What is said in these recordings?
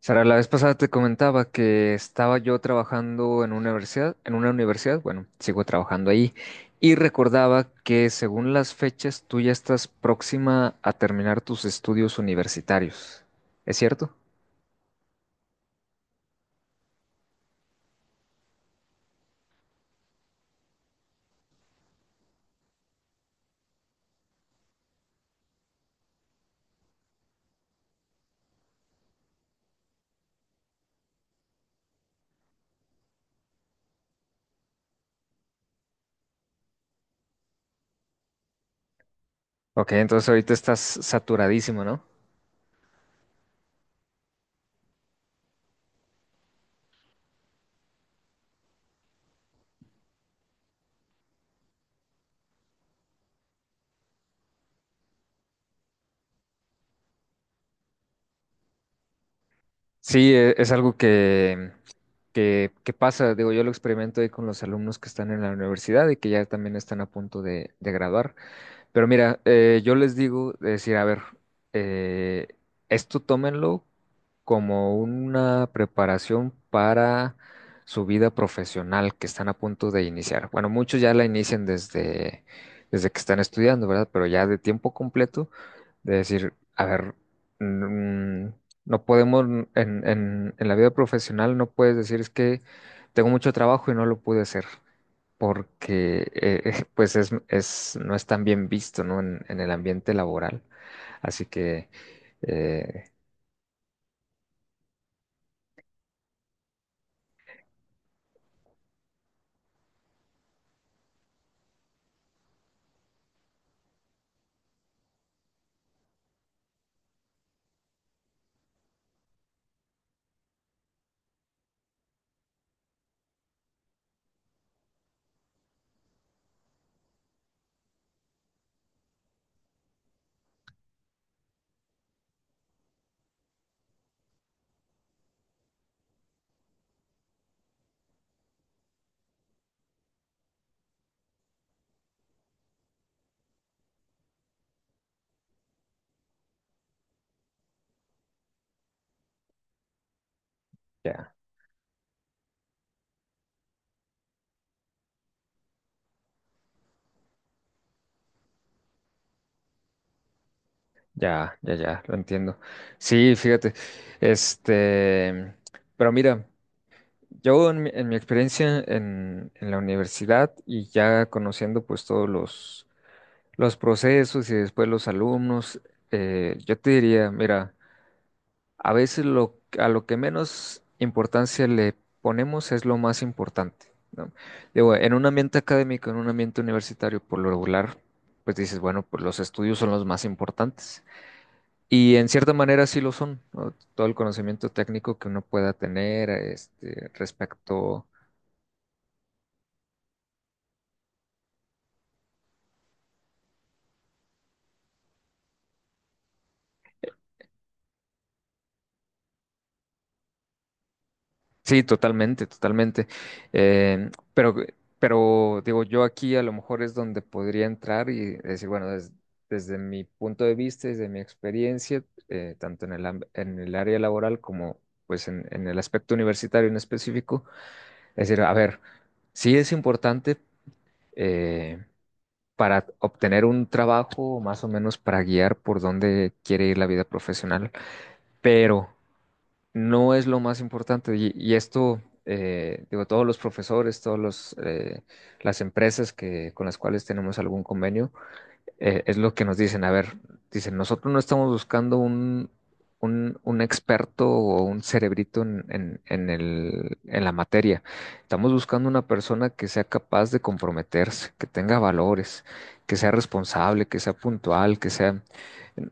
Sara, la vez pasada te comentaba que estaba yo trabajando en una universidad, bueno, sigo trabajando ahí, y recordaba que según las fechas tú ya estás próxima a terminar tus estudios universitarios. ¿Es cierto? Ok, entonces ahorita estás saturadísimo, ¿no? Sí, es algo que pasa, digo, yo lo experimento ahí con los alumnos que están en la universidad y que ya también están a punto de graduar. Pero mira, yo les digo, decir, a ver, eh, esto tómenlo como una preparación para su vida profesional que están a punto de iniciar. Bueno, muchos ya la inician desde que están estudiando, ¿verdad? Pero ya de tiempo completo, de decir, a ver, mm, no podemos, en la vida profesional no puedes decir es que tengo mucho trabajo y no lo pude hacer porque pues es, no es tan bien visto, ¿no? En el ambiente laboral. Así que eh, ya, ya, ya, ya, lo entiendo. Sí, fíjate, este, pero mira, yo en mi experiencia en la universidad y ya conociendo pues todos los procesos y después los alumnos, yo te diría, mira, a veces lo, a lo que menos importancia le ponemos es lo más importante, ¿no? Digo, en un ambiente académico, en un ambiente universitario, por lo regular, pues dices, bueno, pues los estudios son los más importantes. Y en cierta manera sí lo son, ¿no? Todo el conocimiento técnico que uno pueda tener, este, respecto. Sí, totalmente, totalmente. Em, pero, pero digo, yo aquí a lo mejor es donde podría entrar y decir, bueno, desde mi punto de vista, desde mi experiencia, tanto en el, en el área laboral como pues en el aspecto universitario en específico, es decir, a ver, sí es importante eh, para obtener un trabajo, más o menos para guiar por dónde quiere ir la vida profesional, pero no es lo más importante. Y esto, digo, todos los profesores, todos los, las empresas que, con las cuales tenemos algún convenio, es lo que nos dicen. A ver, dicen, nosotros no estamos buscando un experto o un cerebrito en la materia. Estamos buscando una persona que sea capaz de comprometerse, que tenga valores, que sea responsable, que sea puntual, que sea...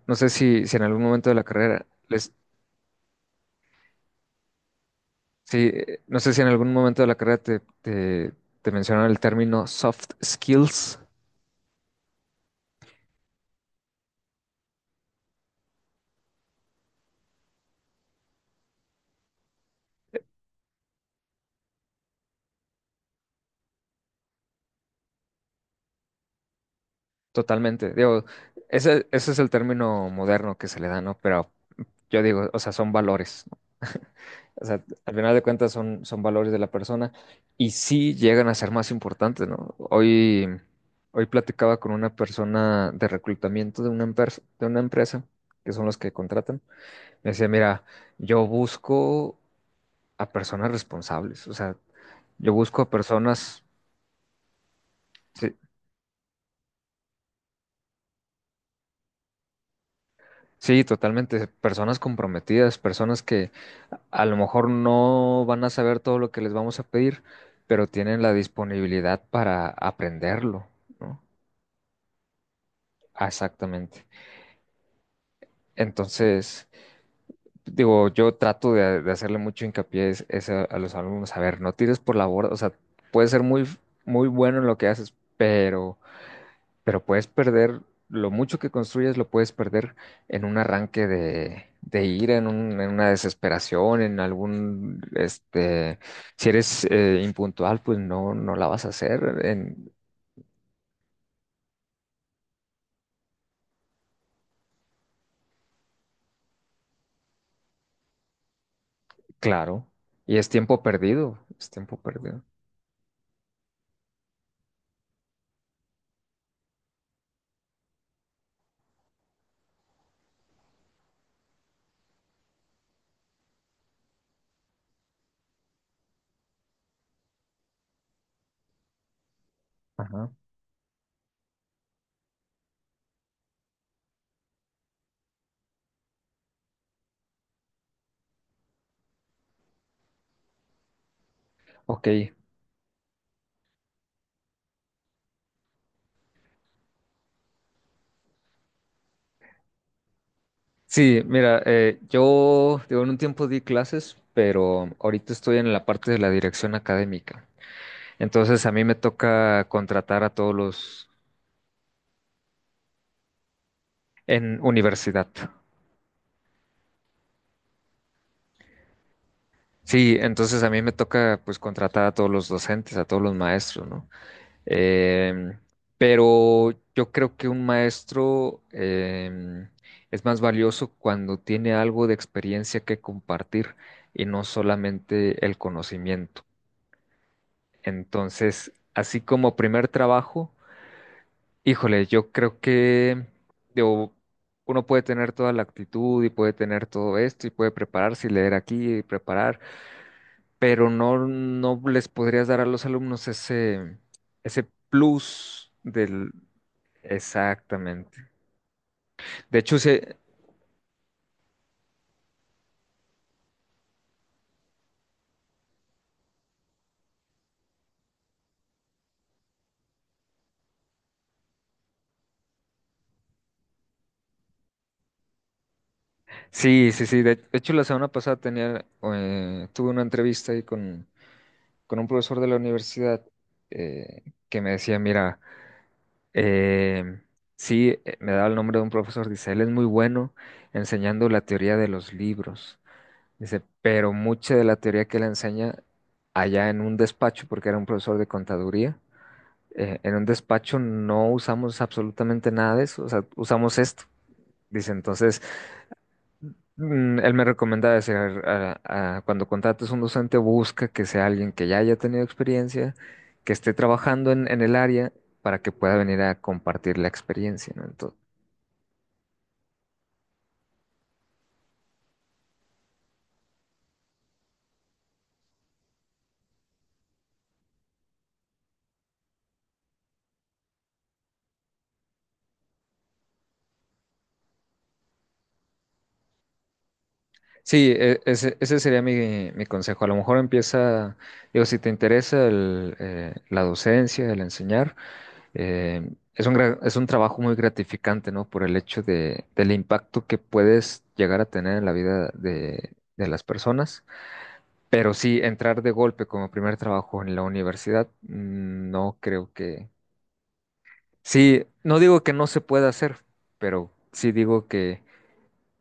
No sé si en algún momento de la carrera les, sí, no sé si en algún momento de la carrera te mencionaron el término soft skills. Totalmente. Digo, ese es el término moderno que se le da, ¿no? Pero yo digo, o sea, son valores, ¿no? O sea, al final de cuentas son, son valores de la persona y sí llegan a ser más importantes, ¿no? Hoy, hoy platicaba con una persona de reclutamiento de una, de una empresa, que son los que contratan. Me decía, mira, yo busco a personas responsables. O sea, yo busco a personas, sí, sí, totalmente, personas comprometidas, personas que a lo mejor no van a saber todo lo que les vamos a pedir, pero tienen la disponibilidad para aprenderlo, ¿no? Ah, exactamente. Entonces, digo, yo trato de hacerle mucho hincapié a los alumnos, a ver, no tires por la borda, o sea, puedes ser muy, muy bueno en lo que haces, pero puedes perder, lo mucho que construyes lo puedes perder en un arranque de ira, en, en una desesperación, en algún, este, si eres impuntual, pues no, no la vas a hacer, en, claro. Y es tiempo perdido, es tiempo perdido. Ajá. Ok. Sí, mira, yo digo, en un tiempo di clases, pero ahorita estoy en la parte de la dirección académica. Entonces a mí me toca contratar a todos los en universidad. Sí, entonces a mí me toca pues contratar a todos los docentes, a todos los maestros, ¿no? Em, pero yo creo que un maestro es más valioso cuando tiene algo de experiencia que compartir y no solamente el conocimiento. Entonces, así como primer trabajo, híjole, yo creo que digo, uno puede tener toda la actitud y puede tener todo esto y puede prepararse y leer aquí y preparar, pero no, no les podrías dar a los alumnos ese, ese plus del... Exactamente. De hecho, sí, sí, sí, sí. De hecho, la semana pasada tenía, tuve una entrevista ahí con un profesor de la universidad eh, que me decía, mira, eh, sí, me daba el nombre de un profesor, dice, él es muy bueno enseñando la teoría de los libros. Dice, pero mucha de la teoría que él enseña allá en un despacho, porque era un profesor de contaduría, en un despacho no usamos absolutamente nada de eso, o sea, usamos esto. Dice, entonces, él me recomendaba decir, cuando contrates un docente, busca que sea alguien que ya haya tenido experiencia, que esté trabajando en el área para que pueda venir a compartir la experiencia, ¿no? Entonces, sí, ese, ese sería mi, mi consejo. A lo mejor empieza, digo, si te interesa el, la docencia, el enseñar, eh, es un, es un trabajo muy gratificante, ¿no? Por el hecho de, del impacto que puedes llegar a tener en la vida de las personas. Pero sí, entrar de golpe como primer trabajo en la universidad, no creo que... Sí, no digo que no se pueda hacer, pero sí digo que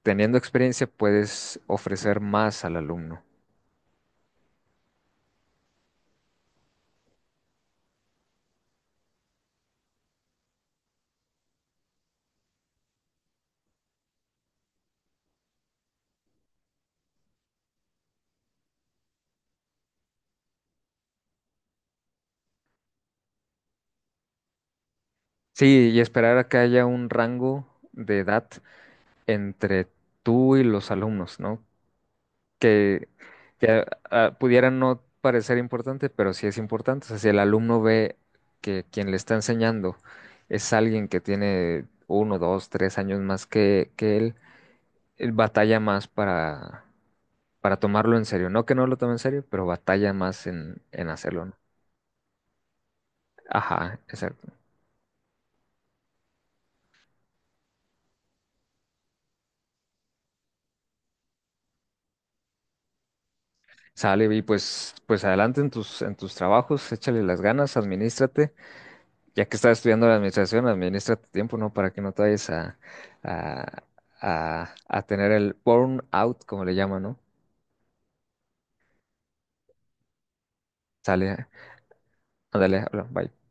teniendo experiencia puedes ofrecer más al alumno. Sí, y esperar a que haya un rango de edad entre tú y los alumnos, ¿no? que, que, ah, pudiera no parecer importante, pero sí es importante. O sea, si el alumno ve que quien le está enseñando es alguien que tiene uno, dos, tres años más que él batalla más para tomarlo en serio. No que no lo tome en serio, pero batalla más en hacerlo, ¿no? Ajá, exacto. Sale y pues, pues adelante en tus trabajos, échale las ganas, administrate. Ya que estás estudiando la administración, administra tu tiempo, ¿no? Para que no te vayas a, a tener el burnout, como le llaman, ¿no? Sale, ándale, habla, bye.